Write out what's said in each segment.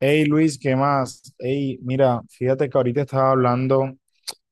Hey Luis, ¿qué más? Hey, mira, fíjate que ahorita estaba hablando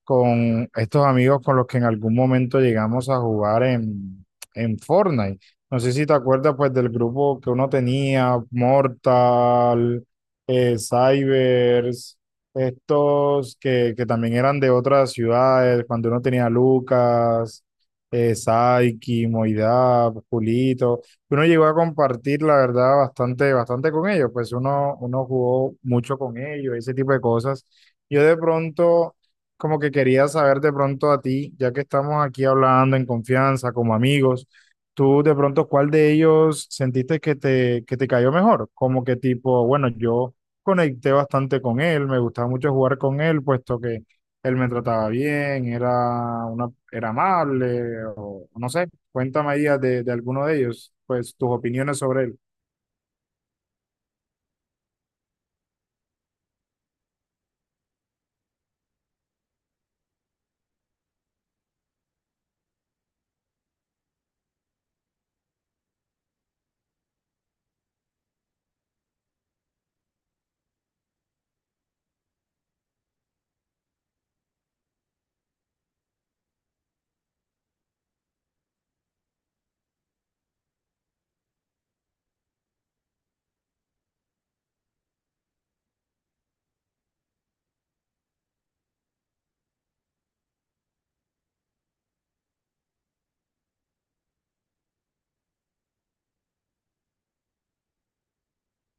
con estos amigos con los que en algún momento llegamos a jugar en Fortnite. No sé si te acuerdas pues del grupo que uno tenía, Mortal, Cybers, estos que también eran de otras ciudades, cuando uno tenía Lucas, Saiki, Moidab, Julito. Uno llegó a compartir, la verdad, bastante, bastante con ellos, pues uno jugó mucho con ellos, ese tipo de cosas. Yo de pronto como que quería saber de pronto a ti, ya que estamos aquí hablando en confianza, como amigos, tú de pronto, ¿cuál de ellos sentiste que te cayó mejor? Como que tipo, bueno, yo conecté bastante con él, me gustaba mucho jugar con él, puesto que él me trataba bien, era una, era amable, o no sé, cuéntame ahí de alguno de ellos, pues tus opiniones sobre él.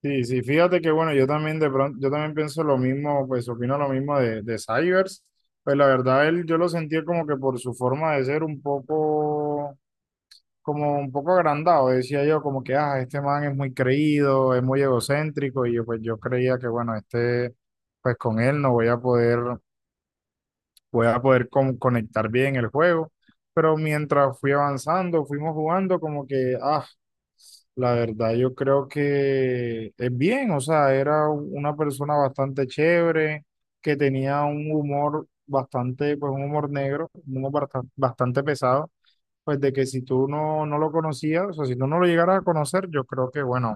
Sí, sí, fíjate que bueno, yo también de pronto, yo también pienso lo mismo, pues opino lo mismo de Cybers. Pues la verdad, él yo lo sentía como que por su forma de ser un poco, como un poco agrandado, decía yo, como que, ah, este man es muy creído, es muy egocéntrico, y yo pues yo creía que bueno, este, pues con él no voy a poder, voy a poder conectar bien el juego. Pero mientras fui avanzando, fuimos jugando, como que, ah. La verdad, yo creo que es bien, o sea, era una persona bastante chévere, que tenía un humor bastante, pues un humor negro, un humor bastante pesado, pues de que si tú no lo conocías, o sea, si tú no lo llegaras a conocer, yo creo que, bueno,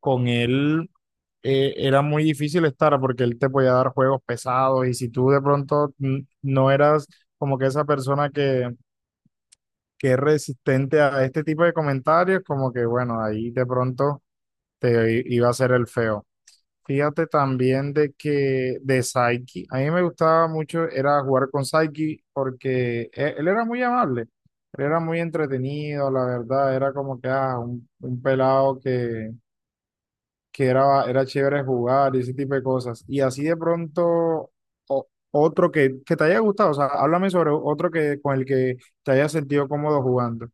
con él era muy difícil estar porque él te podía dar juegos pesados y si tú de pronto no eras como que esa persona que es resistente a este tipo de comentarios, como que, bueno, ahí de pronto te iba a ser el feo. Fíjate también de que de Saiki, a mí me gustaba mucho era jugar con Saiki porque él, era muy amable, él era muy entretenido, la verdad, era como que ah, un pelado que era, era chévere jugar y ese tipo de cosas. Y así de pronto, otro que te haya gustado, o sea, háblame sobre otro que con el que te hayas sentido cómodo jugando.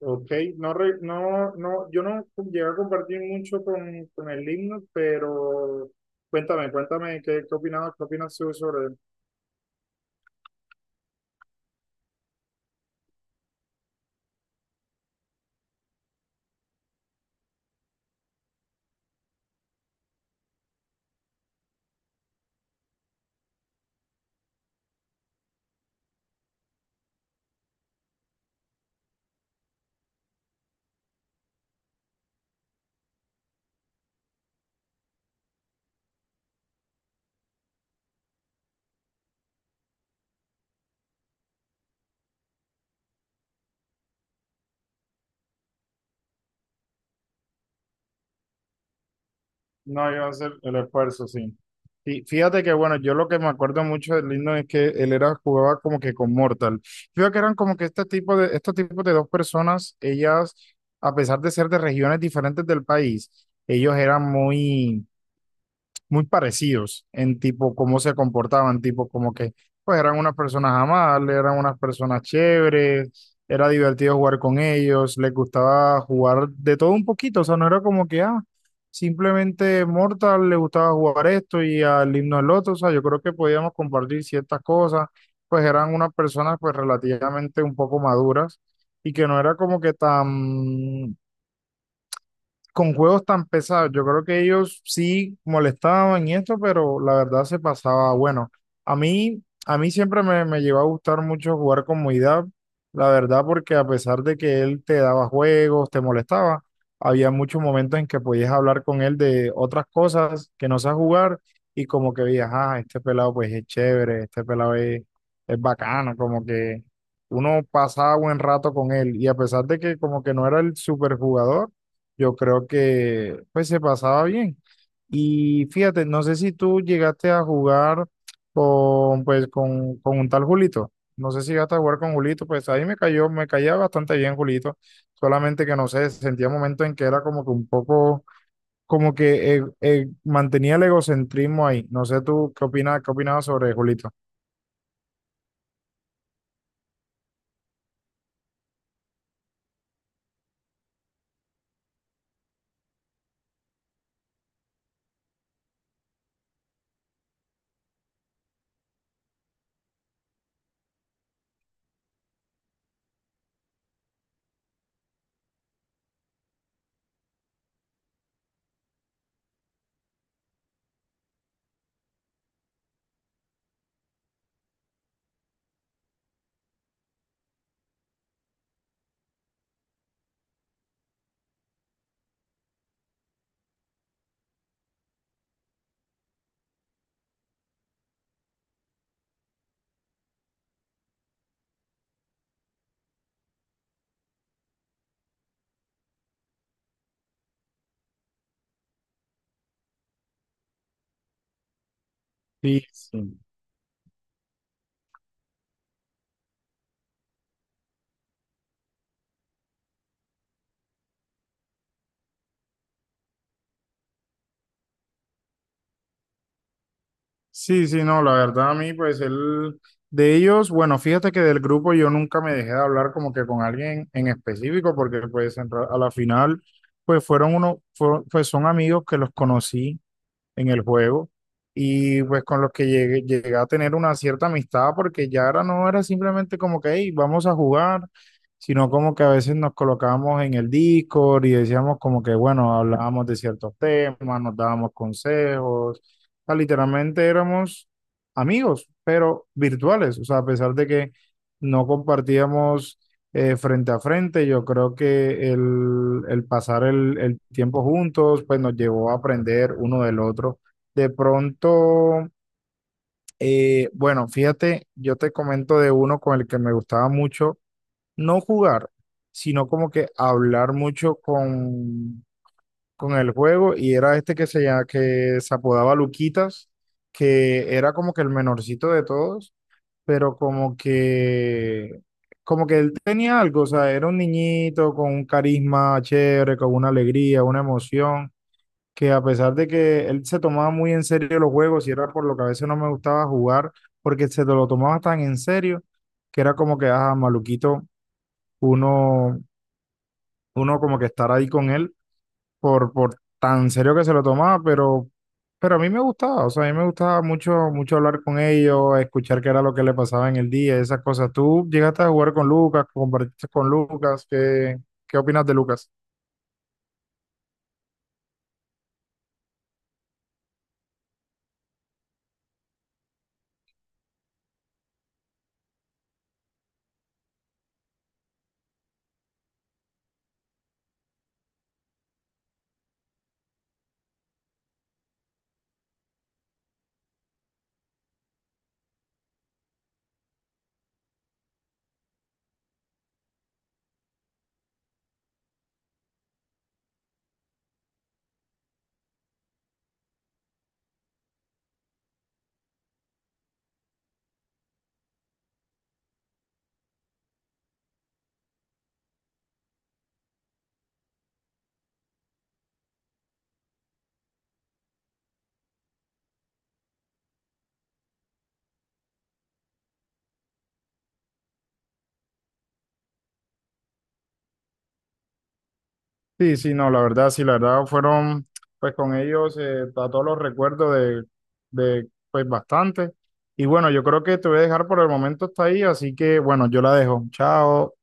Ok, no, yo no llegué a compartir mucho con el himno, pero cuéntame, cuéntame qué opinabas, qué opinas tú sobre él. No, yo hacer el esfuerzo, sí. Y fíjate que, bueno, yo lo que me acuerdo mucho del Lino es que él era, jugaba como que con Mortal. Fíjate que eran como que este tipo de, estos tipos de dos personas, ellas, a pesar de ser de regiones diferentes del país, ellos eran muy parecidos en tipo cómo se comportaban, tipo como que pues eran unas personas amables, eran unas personas chéveres, era divertido jugar con ellos, les gustaba jugar de todo un poquito, o sea, no era como que, ah, simplemente Mortal le gustaba jugar esto y al himno el otro, o sea, yo creo que podíamos compartir ciertas cosas, pues eran unas personas pues relativamente un poco maduras y que no era como que tan con juegos tan pesados. Yo creo que ellos sí molestaban y esto, pero la verdad se pasaba bueno. A mí siempre me llegó a gustar mucho jugar con Muidab, la verdad, porque a pesar de que él te daba juegos, te molestaba, había muchos momentos en que podías hablar con él de otras cosas que no sabes jugar y como que veías, ah, este pelado pues es chévere, este pelado es bacano, como que uno pasaba buen rato con él y a pesar de que como que no era el superjugador yo creo que pues se pasaba bien. Y fíjate, no sé si tú llegaste a jugar con pues con un tal Julito. No sé si llegaste a jugar con Julito, pues ahí me cayó, me caía bastante bien Julito. Solamente que no sé, sentía momentos en que era como que un poco, como que mantenía el egocentrismo ahí. No sé tú qué opinas, qué opinabas sobre Julito. Sí, sí. Sí, sí, no, la verdad a mí, pues él, de ellos, bueno, fíjate que del grupo yo nunca me dejé de hablar como que con alguien en específico, porque pues en a la final, pues fueron uno, pues son amigos que los conocí en el juego y pues con los que llegué, llegué a tener una cierta amistad porque ya ahora no era simplemente como que, hey, vamos a jugar, sino como que a veces nos colocábamos en el Discord y decíamos como que, bueno, hablábamos de ciertos temas, nos dábamos consejos, o sea, literalmente éramos amigos, pero virtuales, o sea, a pesar de que no compartíamos frente a frente. Yo creo que el pasar el tiempo juntos, pues nos llevó a aprender uno del otro. De pronto, bueno, fíjate, yo te comento de uno con el que me gustaba mucho no jugar, sino como que hablar mucho con el juego y era este que que se apodaba Luquitas, que era como que el menorcito de todos pero como que él tenía algo, o sea, era un niñito con un carisma chévere, con una alegría, una emoción, que a pesar de que él se tomaba muy en serio los juegos, y era por lo que a veces no me gustaba jugar, porque se lo tomaba tan en serio, que era como que, ah, maluquito, uno, uno como que estar ahí con él por tan serio que se lo tomaba, pero a mí me gustaba, o sea, a mí me gustaba mucho, mucho hablar con ellos, escuchar qué era lo que le pasaba en el día, esas cosas. ¿Tú llegaste a jugar con Lucas, compartiste con Lucas? ¿Qué, qué opinas de Lucas? Sí, sí, no, la verdad, sí, la verdad fueron, pues con ellos, a todos los recuerdos pues bastante. Y bueno, yo creo que te voy a dejar por el momento hasta ahí, así que bueno, yo la dejo. Chao.